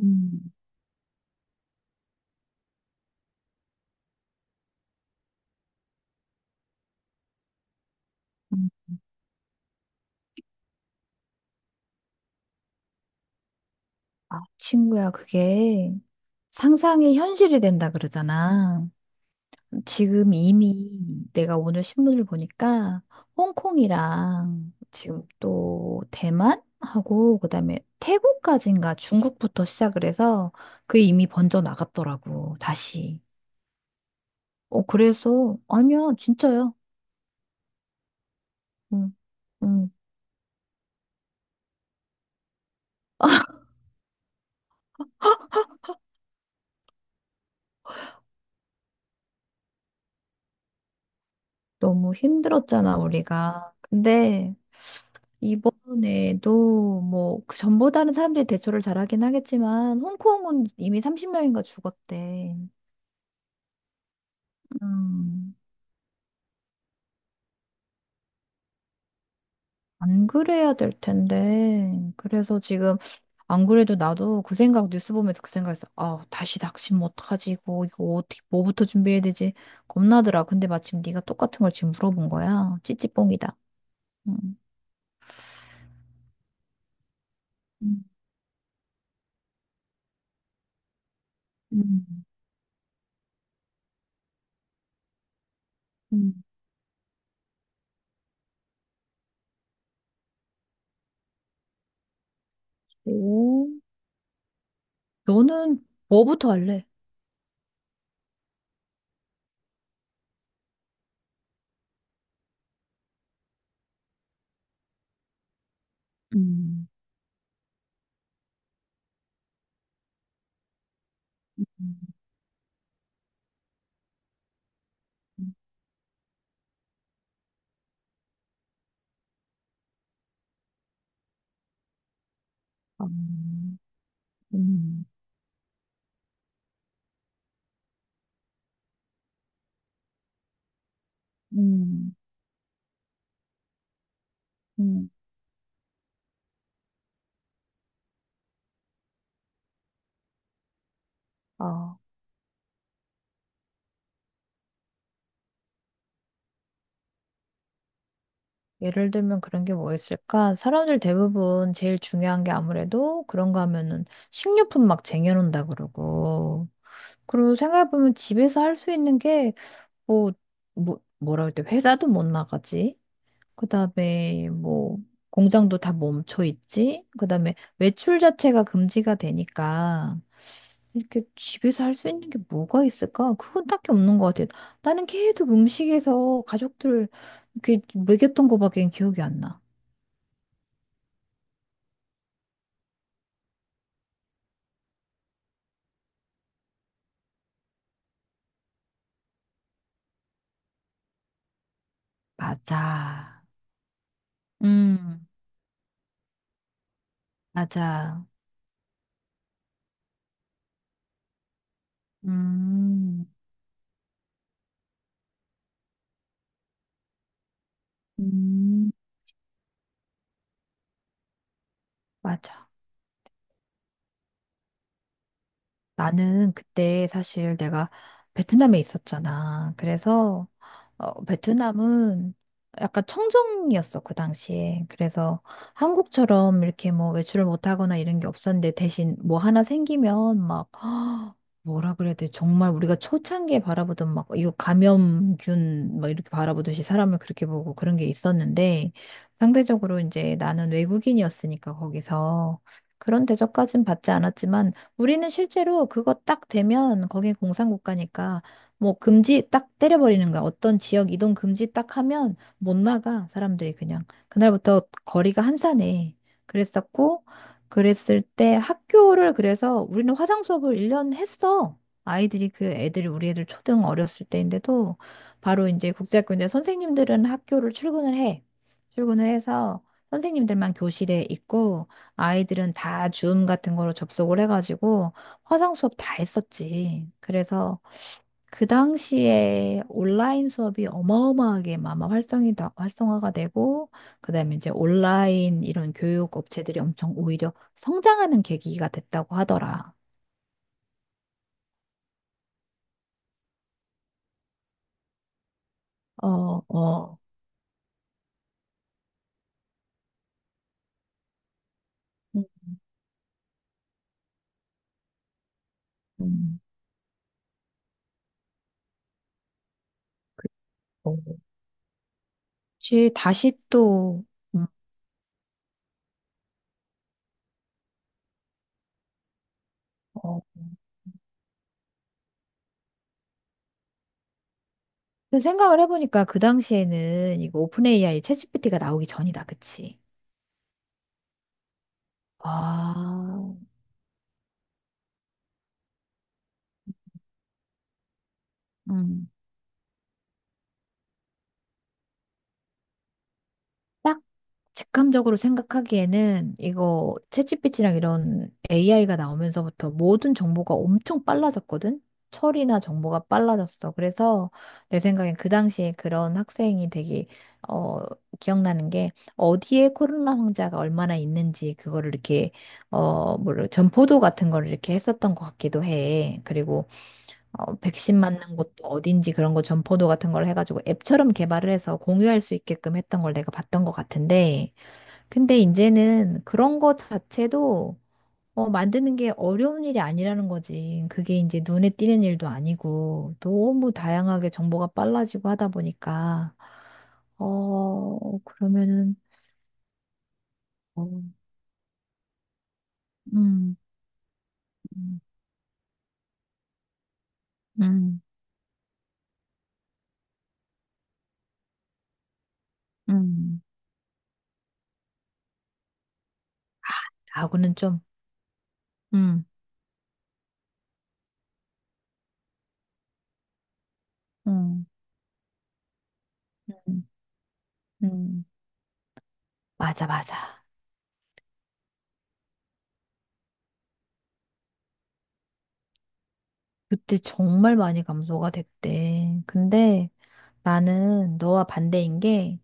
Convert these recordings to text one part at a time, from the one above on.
음, 음. 아, 친구야, 그게 상상이 현실이 된다 그러잖아. 지금 이미 내가 오늘 신문을 보니까 홍콩이랑 지금 또 대만하고 그다음에 태국까지인가 중국부터 시작을 해서 그게 이미 번져 나갔더라고, 다시. 어, 그래서 아니야, 진짜요. 응 응 너무 힘들었잖아, 우리가. 근데 이번에도 뭐 그 전보다는 사람들이 대처를 잘하긴 하겠지만 홍콩은 이미 30명인가 죽었대. 음, 안 그래야 될 텐데. 그래서 지금 안 그래도 나도 그 생각 뉴스 보면서 그 생각했어. 아, 다시 닥치면 어떡하지? 이거 어떻게 뭐부터 준비해야 되지? 겁나더라. 근데 마침 네가 똑같은 걸 지금 물어본 거야. 찌찌뽕이다. 음. 음, 음, 음, 오. 너는 뭐부터 할래? 음, 음. 음. 아. 음, 음, 음. 아, 예를 들면 그런 게 뭐 있을까? 사람들 대부분 제일 중요한 게 아무래도 그런 거 하면은 식료품 막 쟁여놓는다 그러고. 그리고 생각해보면 집에서 할 수 있는 게 뭐, 뭐라 그럴 때 회사도 못 나가지. 그다음에 뭐, 공장도 다 멈춰 있지. 그다음에 외출 자체가 금지가 되니까. 이렇게 집에서 할 수 있는 게 뭐가 있을까? 그건 딱히 없는 것 같아요. 나는 계속 음식에서 가족들 이렇게 먹였던 거밖에 기억이 안 나. 맞아. 음, 맞아. 음, 음, 맞아. 나는 그때 사실 내가 베트남에 있었잖아. 그래서 베트남은 약간 청정이었어, 그 당시에. 그래서 한국처럼 이렇게 뭐 외출을 못하거나 이런 게 없었는데 대신 뭐 하나 생기면 막 뭐라 그래야 돼. 정말 우리가 초창기에 바라보던 막 이거 감염균 막 이렇게 바라보듯이 사람을 그렇게 보고 그런 게 있었는데 상대적으로 이제 나는 외국인이었으니까 거기서 그런 대접까진 받지 않았지만 우리는 실제로 그거 딱 되면 거기 공산국가니까 뭐 금지 딱 때려버리는 거야. 어떤 지역 이동 금지 딱 하면 못 나가 사람들이 그냥. 그날부터 거리가 한산해. 그랬었고 그랬을 때 학교를 그래서 우리는 화상 수업을 1년 했어. 아이들이 그 애들이 우리 애들 초등 어렸을 때인데도 바로 이제 국제학교인데 선생님들은 학교를 출근을 해. 출근을 해서 선생님들만 교실에 있고 아이들은 다 줌 같은 거로 접속을 해가지고 화상 수업 다 했었지. 그래서 그 당시에 온라인 수업이 어마어마하게 아마 활성이 다, 활성화가 되고, 그다음에 이제 온라인 이런 교육 업체들이 엄청 오히려 성장하는 계기가 됐다고 하더라. 어, 어. 음, 음. 어, 그치. 다시 또, 음, 어. 근데 생각을 해보니까 그 당시에는 이거 오픈 AI 챗GPT가 나오기 전이다, 그치? 아. 음, 딱 직감적으로 생각하기에는 이거 챗GPT랑 이런 AI가 나오면서부터 모든 정보가 엄청 빨라졌거든? 처리나 정보가 빨라졌어. 그래서 내 생각엔 그 당시에 그런 학생이 되게, 어, 기억나는 게 어디에 코로나 환자가 얼마나 있는지 그거를 이렇게, 전포도 같은 걸 이렇게 했었던 것 같기도 해. 그리고 백신 맞는 곳도 어딘지 그런 거 점포도 같은 걸 해가지고 앱처럼 개발을 해서 공유할 수 있게끔 했던 걸 내가 봤던 것 같은데, 근데 이제는 그런 거 자체도 만드는 게 어려운 일이 아니라는 거지. 그게 이제 눈에 띄는 일도 아니고 너무 다양하게 정보가 빨라지고 하다 보니까 그러면은 어, 음, 음, 음, 음. 하고는 좀, 음, 음, 음, 음. 맞아, 맞아. 그때 정말 많이 감소가 됐대. 근데 나는 너와 반대인 게,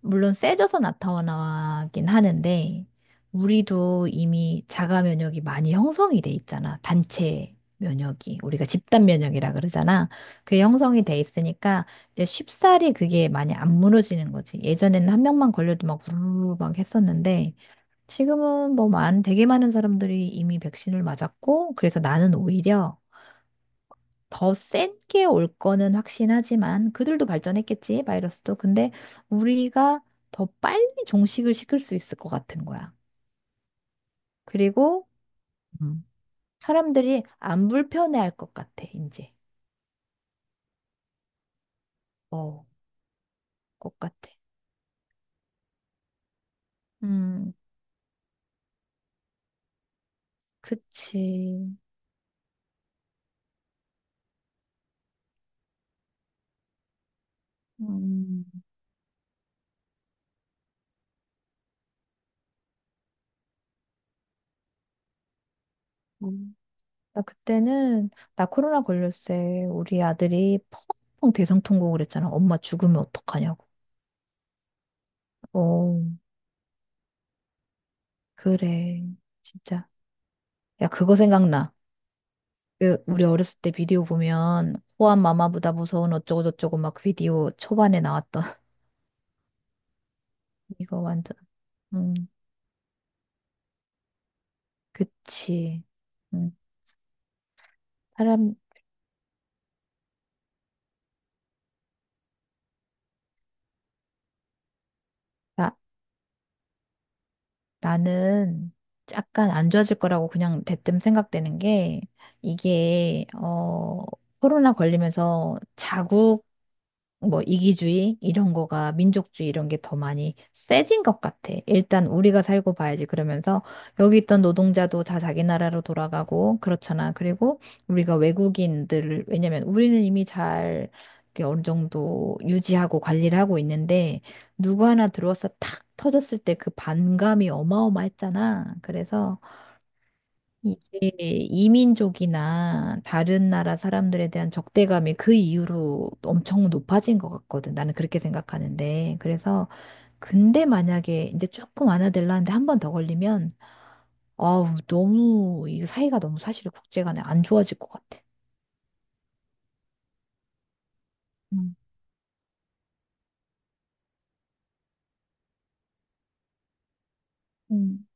물론 세져서 나타나긴 하는데, 우리도 이미 자가 면역이 많이 형성이 돼 있잖아. 단체 면역이. 우리가 집단 면역이라 그러잖아. 그게 형성이 돼 있으니까 이제 쉽사리 그게 많이 안 무너지는 거지. 예전에는 한 명만 걸려도 막 우르르 막 했었는데, 지금은 뭐 많은, 되게 많은 사람들이 이미 백신을 맞았고, 그래서 나는 오히려 더 센 게 올 거는 확신하지만 그들도 발전했겠지, 바이러스도. 근데 우리가 더 빨리 종식을 시킬 수 있을 것 같은 거야. 그리고 음. 사람들이 안 불편해할 것 같아, 이제. 어, 것 같아. 음, 그치. 음. 음. 나 그때는 나 코로나 걸렸을 때 우리 아들이 펑펑 대성통곡을 했잖아. 엄마 죽으면 어떡하냐고. 어, 그래. 진짜. 야, 그거 생각나. 그 우리 어렸을 때 비디오 보면 호환 마마보다 무서운 어쩌고저쩌고 막 비디오 초반에 나왔던 이거 완전 음 그치 음 사람 다 나는 약간 안 좋아질 거라고 그냥 대뜸 생각되는 게 이게 코로나 걸리면서 자국 뭐 이기주의 이런 거가 민족주의 이런 게 더 많이 세진 것 같아. 일단 우리가 살고 봐야지 그러면서 여기 있던 노동자도 다 자기 나라로 돌아가고 그렇잖아. 그리고 우리가 외국인들을 왜냐면 우리는 이미 잘 이렇게 어느 정도 유지하고 관리를 하고 있는데 누구 하나 들어와서 탁 터졌을 때 그 반감이 어마어마했잖아. 그래서 이게 이민족이나 다른 나라 사람들에 대한 적대감이 그 이후로 엄청 높아진 것 같거든. 나는 그렇게 생각하는데. 그래서 근데 만약에 이제 조금 완화되려는데 한 번 더 걸리면 아우 너무 이 사이가 너무 사실 국제간에 안 좋아질 것 같아. 음. 음.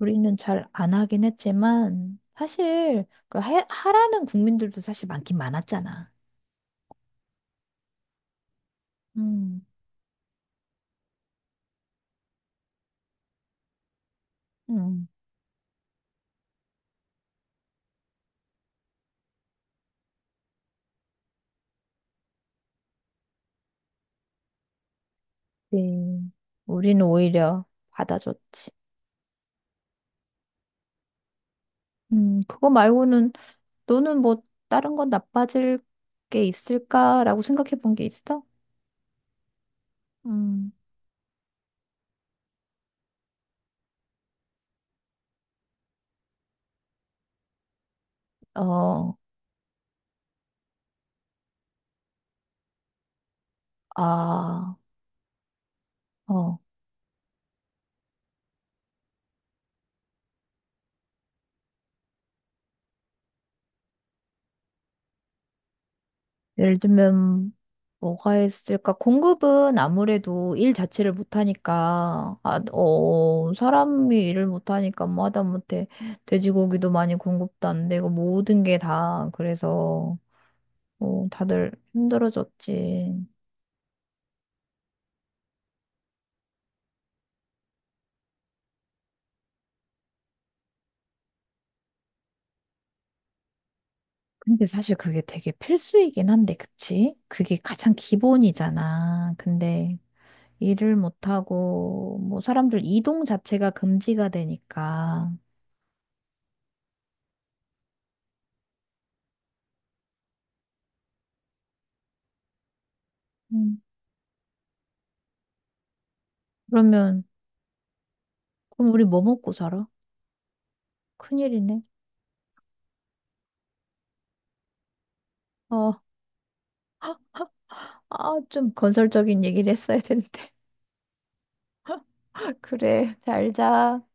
우리는 잘 안 하긴 했지만 사실 그 하라는 국민들도 사실 많긴 많았잖아. 음, 음, 네. 우리는 오히려 받아줬지. 그거 말고는 너는 뭐 다른 건 나빠질 게 있을까라고 생각해 본 게 있어? 음, 어, 아, 어. 예를 들면 뭐가 있을까? 공급은 아무래도 일 자체를 못하니까, 사람이 일을 못하니까 뭐 하다못해 돼지고기도 많이 공급도 안 되고 모든 게 다 그래서 다들 힘들어졌지. 근데 사실 그게 되게 필수이긴 한데, 그치? 그게 가장 기본이잖아. 근데 일을 못하고, 뭐, 사람들 이동 자체가 금지가 되니까. 음, 그러면, 그럼 우리 뭐 먹고 살아? 큰일이네. 어, 좀 건설적인 얘기를 했어야 되는데. 그래, 잘 자.